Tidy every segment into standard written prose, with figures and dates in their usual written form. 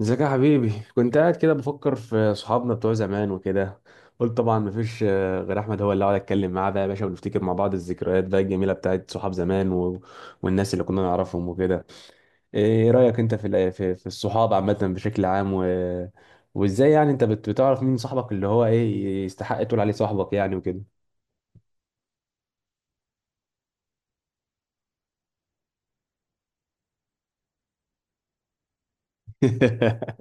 ازيك يا حبيبي؟ كنت قاعد كده بفكر في صحابنا بتوع زمان وكده. قلت طبعا مفيش غير احمد هو اللي اقعد اتكلم معاه بقى يا باشا، ونفتكر مع بعض الذكريات بقى الجميله بتاعت صحاب زمان والناس اللي كنا نعرفهم وكده. ايه رايك انت في الصحاب عامه بشكل عام وازاي يعني انت بتعرف مين صاحبك اللي هو ايه يستحق تقول عليه صاحبك، يعني وكده.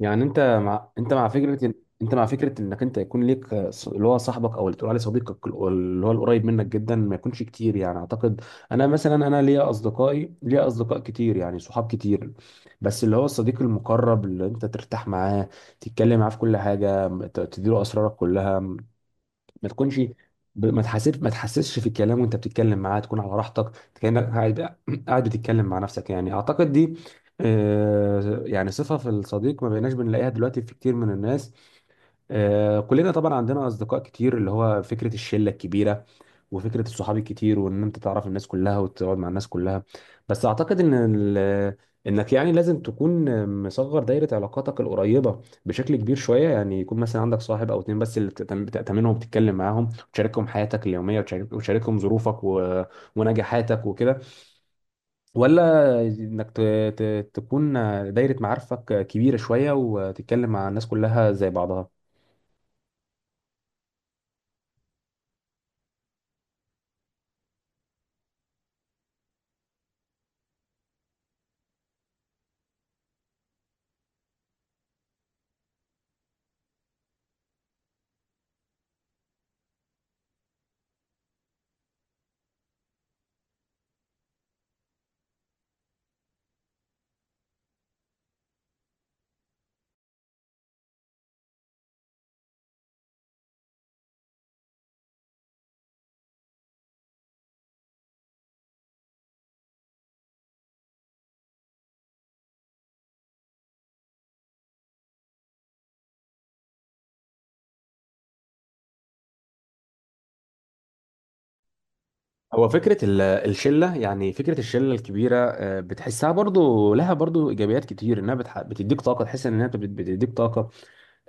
يعني انت مع فكره انت مع فكره انك انت يكون ليك اللي هو صاحبك او اللي تقول عليه صديقك اللي هو القريب منك جدا ما يكونش كتير، يعني اعتقد. انا مثلا ليا اصدقائي، ليا اصدقاء كتير، يعني صحاب كتير. بس اللي هو الصديق المقرب اللي انت ترتاح معاه، تتكلم معاه في كل حاجه، تديله اسرارك كلها. ما تكونش ب- ما تحسب ما تحسسش في الكلام وانت بتتكلم معاه، تكون على راحتك، كانك قاعد قاعد بتتكلم مع نفسك، يعني اعتقد دي يعني صفة في الصديق ما بقيناش بنلاقيها دلوقتي في كتير من الناس. كلنا طبعا عندنا اصدقاء كتير، اللي هو فكره الشله الكبيره، وفكره الصحاب الكتير، وان انت تعرف الناس كلها وتقعد مع الناس كلها. بس اعتقد انك يعني لازم تكون مصغر دايره علاقاتك القريبه بشكل كبير شويه، يعني يكون مثلا عندك صاحب او اتنين بس اللي بتأتمنهم وبتتكلم معاهم وتشاركهم حياتك اليوميه، وتشاركهم ظروفك ونجاحاتك وكده، ولا انك ت... تكون دايره معارفك كبيره شويه وتتكلم مع الناس كلها زي بعضها. هو فكرة الشلة، يعني فكرة الشلة الكبيرة، بتحسها برضو، لها برضو إيجابيات كتير، إنها بتديك طاقة، تحس إنها بتديك طاقة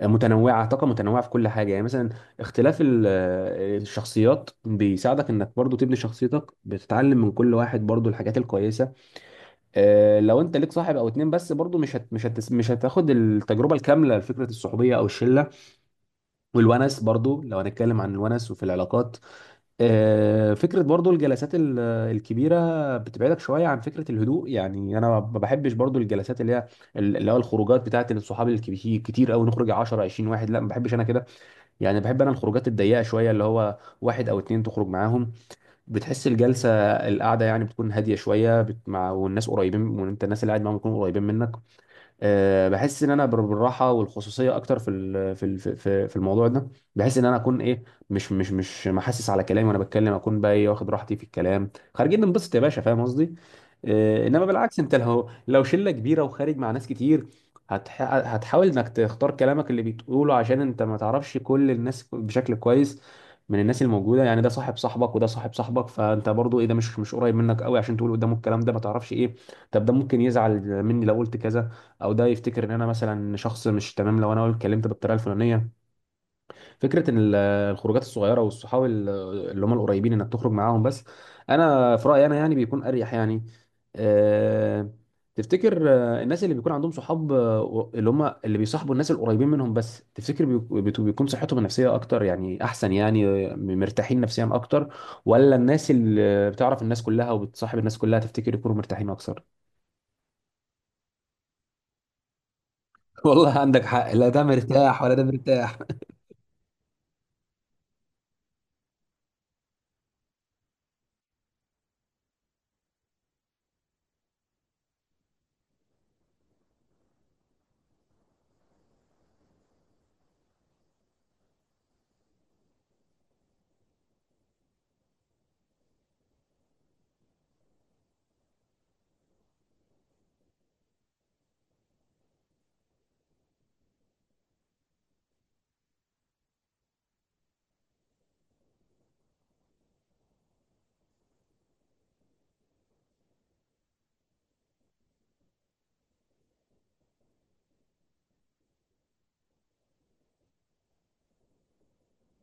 متنوعة، طاقة متنوعة في كل حاجة، يعني مثلا اختلاف الشخصيات بيساعدك إنك برضو تبني شخصيتك، بتتعلم من كل واحد برضو الحاجات الكويسة. لو أنت ليك صاحب أو اتنين بس، برضو مش هتاخد التجربة الكاملة لفكرة الصحوبية أو الشلة، والونس برضو، لو هنتكلم عن الونس وفي العلاقات. فكرة برضو الجلسات الكبيرة بتبعدك شوية عن فكرة الهدوء، يعني أنا ما بحبش برضو الجلسات اللي هو الخروجات بتاعت الصحاب الكبير، كتير أوي نخرج 10 20 واحد، لا ما بحبش أنا كده. يعني بحب أنا الخروجات الضيقة شوية، اللي هو واحد أو اتنين تخرج معاهم. بتحس الجلسة، القعدة يعني بتكون هادية شوية، بت... مع والناس قريبين، وأنت الناس اللي قاعد معاهم يكونوا قريبين منك. بحس ان انا بالراحه والخصوصيه اكتر في ال- في ال- في في الموضوع ده. بحس ان انا اكون ايه، مش محسس على كلامي وانا بتكلم، اكون بقى ايه، واخد راحتي في الكلام، خارجين ننبسط يا باشا، فاهم قصدي؟ انما بالعكس، انت لو شله كبيره وخارج مع ناس كتير، هتحاول انك تختار كلامك اللي بتقوله، عشان انت ما تعرفش كل الناس بشكل كويس من الناس الموجوده، يعني ده صاحب صاحبك وده صاحب صاحبك، فانت برضو ايه، ده مش قريب منك قوي عشان تقول قدامه الكلام ده، ما تعرفش ايه، طب ده ممكن يزعل مني لو قلت كذا، او ده يفتكر ان انا مثلا شخص مش تمام لو انا اتكلمت بالطريقه الفلانيه. فكره ان الخروجات الصغيره، والصحاب اللي هم القريبين، انك تخرج معاهم بس، انا في رايي انا يعني بيكون اريح يعني. أه. تفتكر الناس اللي بيكون عندهم صحاب، اللي هم اللي بيصاحبوا الناس القريبين منهم بس، تفتكر بيكون صحتهم النفسيه اكتر، يعني احسن يعني، مرتاحين نفسيا اكتر، ولا الناس اللي بتعرف الناس كلها وبتصاحب الناس كلها تفتكر يكونوا مرتاحين اكتر؟ والله عندك حق، لا ده مرتاح ولا ده مرتاح.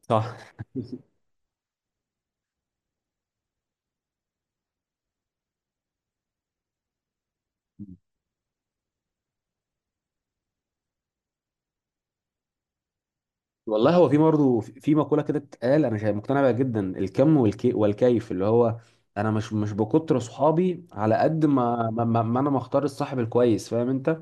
صح. والله هو في برضه، في مقوله كده اتقال انا شايف مقتنع بيها جدا، الكم والكي والكيف، اللي هو انا مش بكتر صحابي على قد ما انا مختار الصاحب الكويس، فاهم انت؟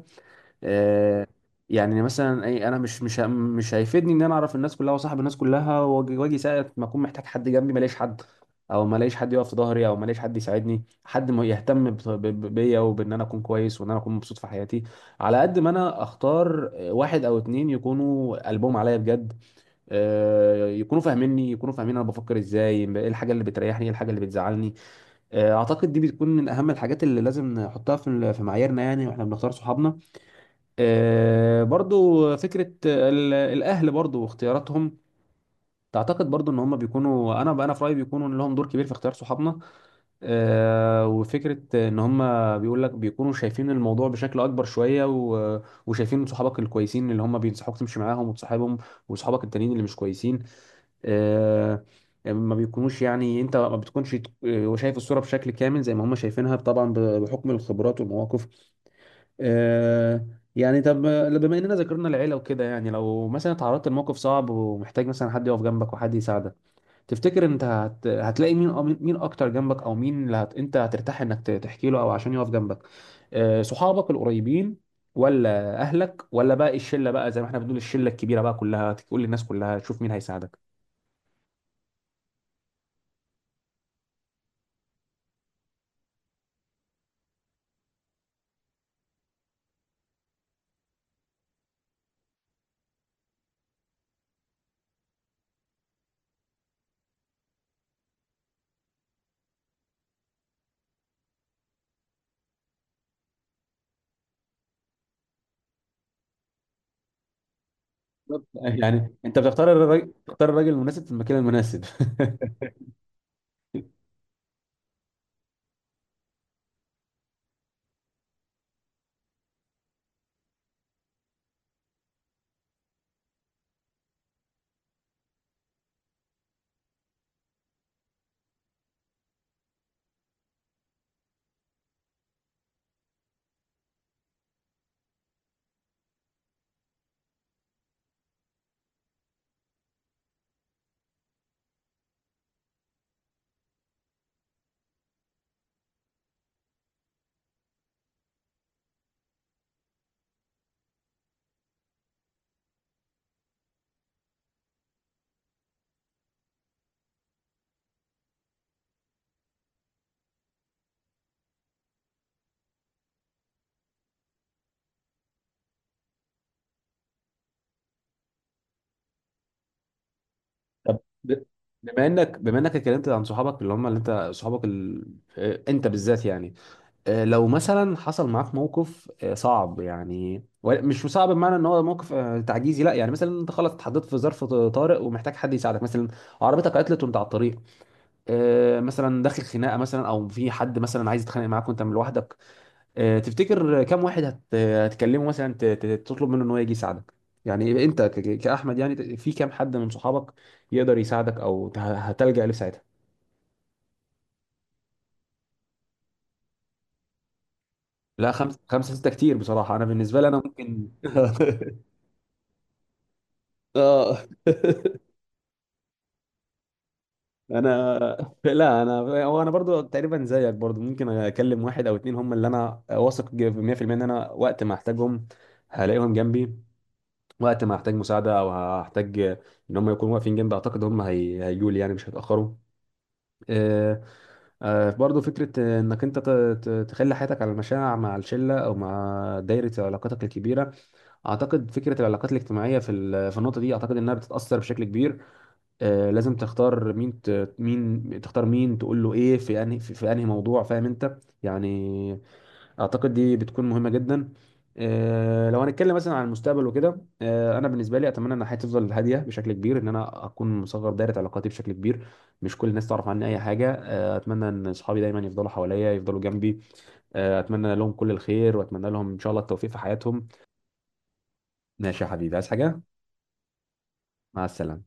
آه. يعني مثلا اي، انا مش هيفيدني ان انا اعرف الناس كلها وصاحب الناس كلها، واجي وأجي ساعه ما اكون محتاج حد جنبي ما الاقيش حد، او ما الاقيش حد يقف في ظهري، او ما الاقيش حد يساعدني، حد ما يهتم بيا وبان انا اكون كويس، وان انا اكون مبسوط في حياتي، على قد ما انا اختار واحد او اتنين يكونوا قلبهم عليا بجد، يكونوا فاهميني، يكونوا فاهمين انا بفكر ازاي، ايه الحاجه اللي بتريحني، ايه الحاجه اللي بتزعلني. اعتقد دي بتكون من اهم الحاجات اللي لازم نحطها في معاييرنا، يعني واحنا بنختار صحابنا. برضو فكره الاهل برضو واختياراتهم، تعتقد برضو ان هم بيكونوا، انا في رايي بيكونوا لهم دور كبير في اختيار صحابنا. وفكره ان هم بيقول لك بيكونوا شايفين الموضوع بشكل اكبر شويه وشايفين صحابك الكويسين اللي هم بينصحوك تمشي معاهم وتصاحبهم، وصحابك التانيين اللي مش كويسين، آه، ما بيكونوش، يعني انت ما بتكونش شايف الصورة بشكل كامل زي ما هم شايفينها، طبعا بحكم الخبرات والمواقف. آه، يعني طب، بما اننا ذكرنا العيلة وكده، يعني لو مثلا اتعرضت لموقف صعب ومحتاج مثلا حد يقف جنبك وحد يساعدك، تفتكر انت هتلاقي مين، أو مين اكتر جنبك، او مين اللي انت هترتاح انك تحكي له، او عشان يقف جنبك؟ صحابك القريبين، ولا اهلك، ولا بقى الشله بقى زي ما احنا بنقول الشله الكبيره بقى كلها، تقول للناس كلها تشوف مين هيساعدك؟ بالظبط. يعني انت بتختار الراجل المناسب في المكان المناسب. طب، ب- بما انك اتكلمت عن صحابك، اللي هم اللي انت بالذات يعني. لو مثلا حصل معاك موقف صعب يعني، مش صعب بمعنى ان هو موقف تعجيزي لا، يعني مثلا انت خلاص اتحطيت في ظرف طارئ ومحتاج حد يساعدك مثلا، عربيتك عطلت وانت على الطريق، مثلا داخل خناقه مثلا، او في حد مثلا عايز يتخانق معاك وانت من لوحدك، تفتكر كم واحد هتكلمه مثلا، تطلب منه ان هو يجي يساعدك؟ يعني انت كأحمد يعني في كم حد من صحابك يقدر يساعدك، او هتلجأ له في ساعتها؟ لا، خمسة، خمسة ستة كتير بصراحة، انا بالنسبة لي انا ممكن. اه. انا، لا انا، هو انا برضو تقريبا زيك، برضو ممكن اكلم واحد او اتنين هم اللي انا واثق 100% ان انا وقت ما احتاجهم هلاقيهم جنبي، وقت ما احتاج مساعدة او هحتاج ان هم يكونوا واقفين جنبي، اعتقد هم هيجوا لي، يعني مش هيتأخروا. آه، برضو فكرة انك انت تخلي حياتك على المشاع مع الشلة او مع دايرة علاقاتك الكبيرة، اعتقد فكرة العلاقات الاجتماعية في النقطة دي، اعتقد انها بتتأثر بشكل كبير. لازم تختار مين، مين تختار، مين تقول له ايه، في انهي موضوع، فاهم انت يعني؟ اعتقد دي بتكون مهمه جدا. لو هنتكلم مثلا عن المستقبل وكده، انا بالنسبه لي اتمنى ان حياتي تفضل هاديه بشكل كبير، ان انا اكون مصغر دايره علاقاتي بشكل كبير، مش كل الناس تعرف عني اي حاجه، اتمنى ان اصحابي دايما يفضلوا حواليا، يفضلوا جنبي. اتمنى لهم كل الخير، واتمنى لهم ان شاء الله التوفيق في حياتهم. ماشي يا حبيبي، عايز حاجه؟ مع السلامه.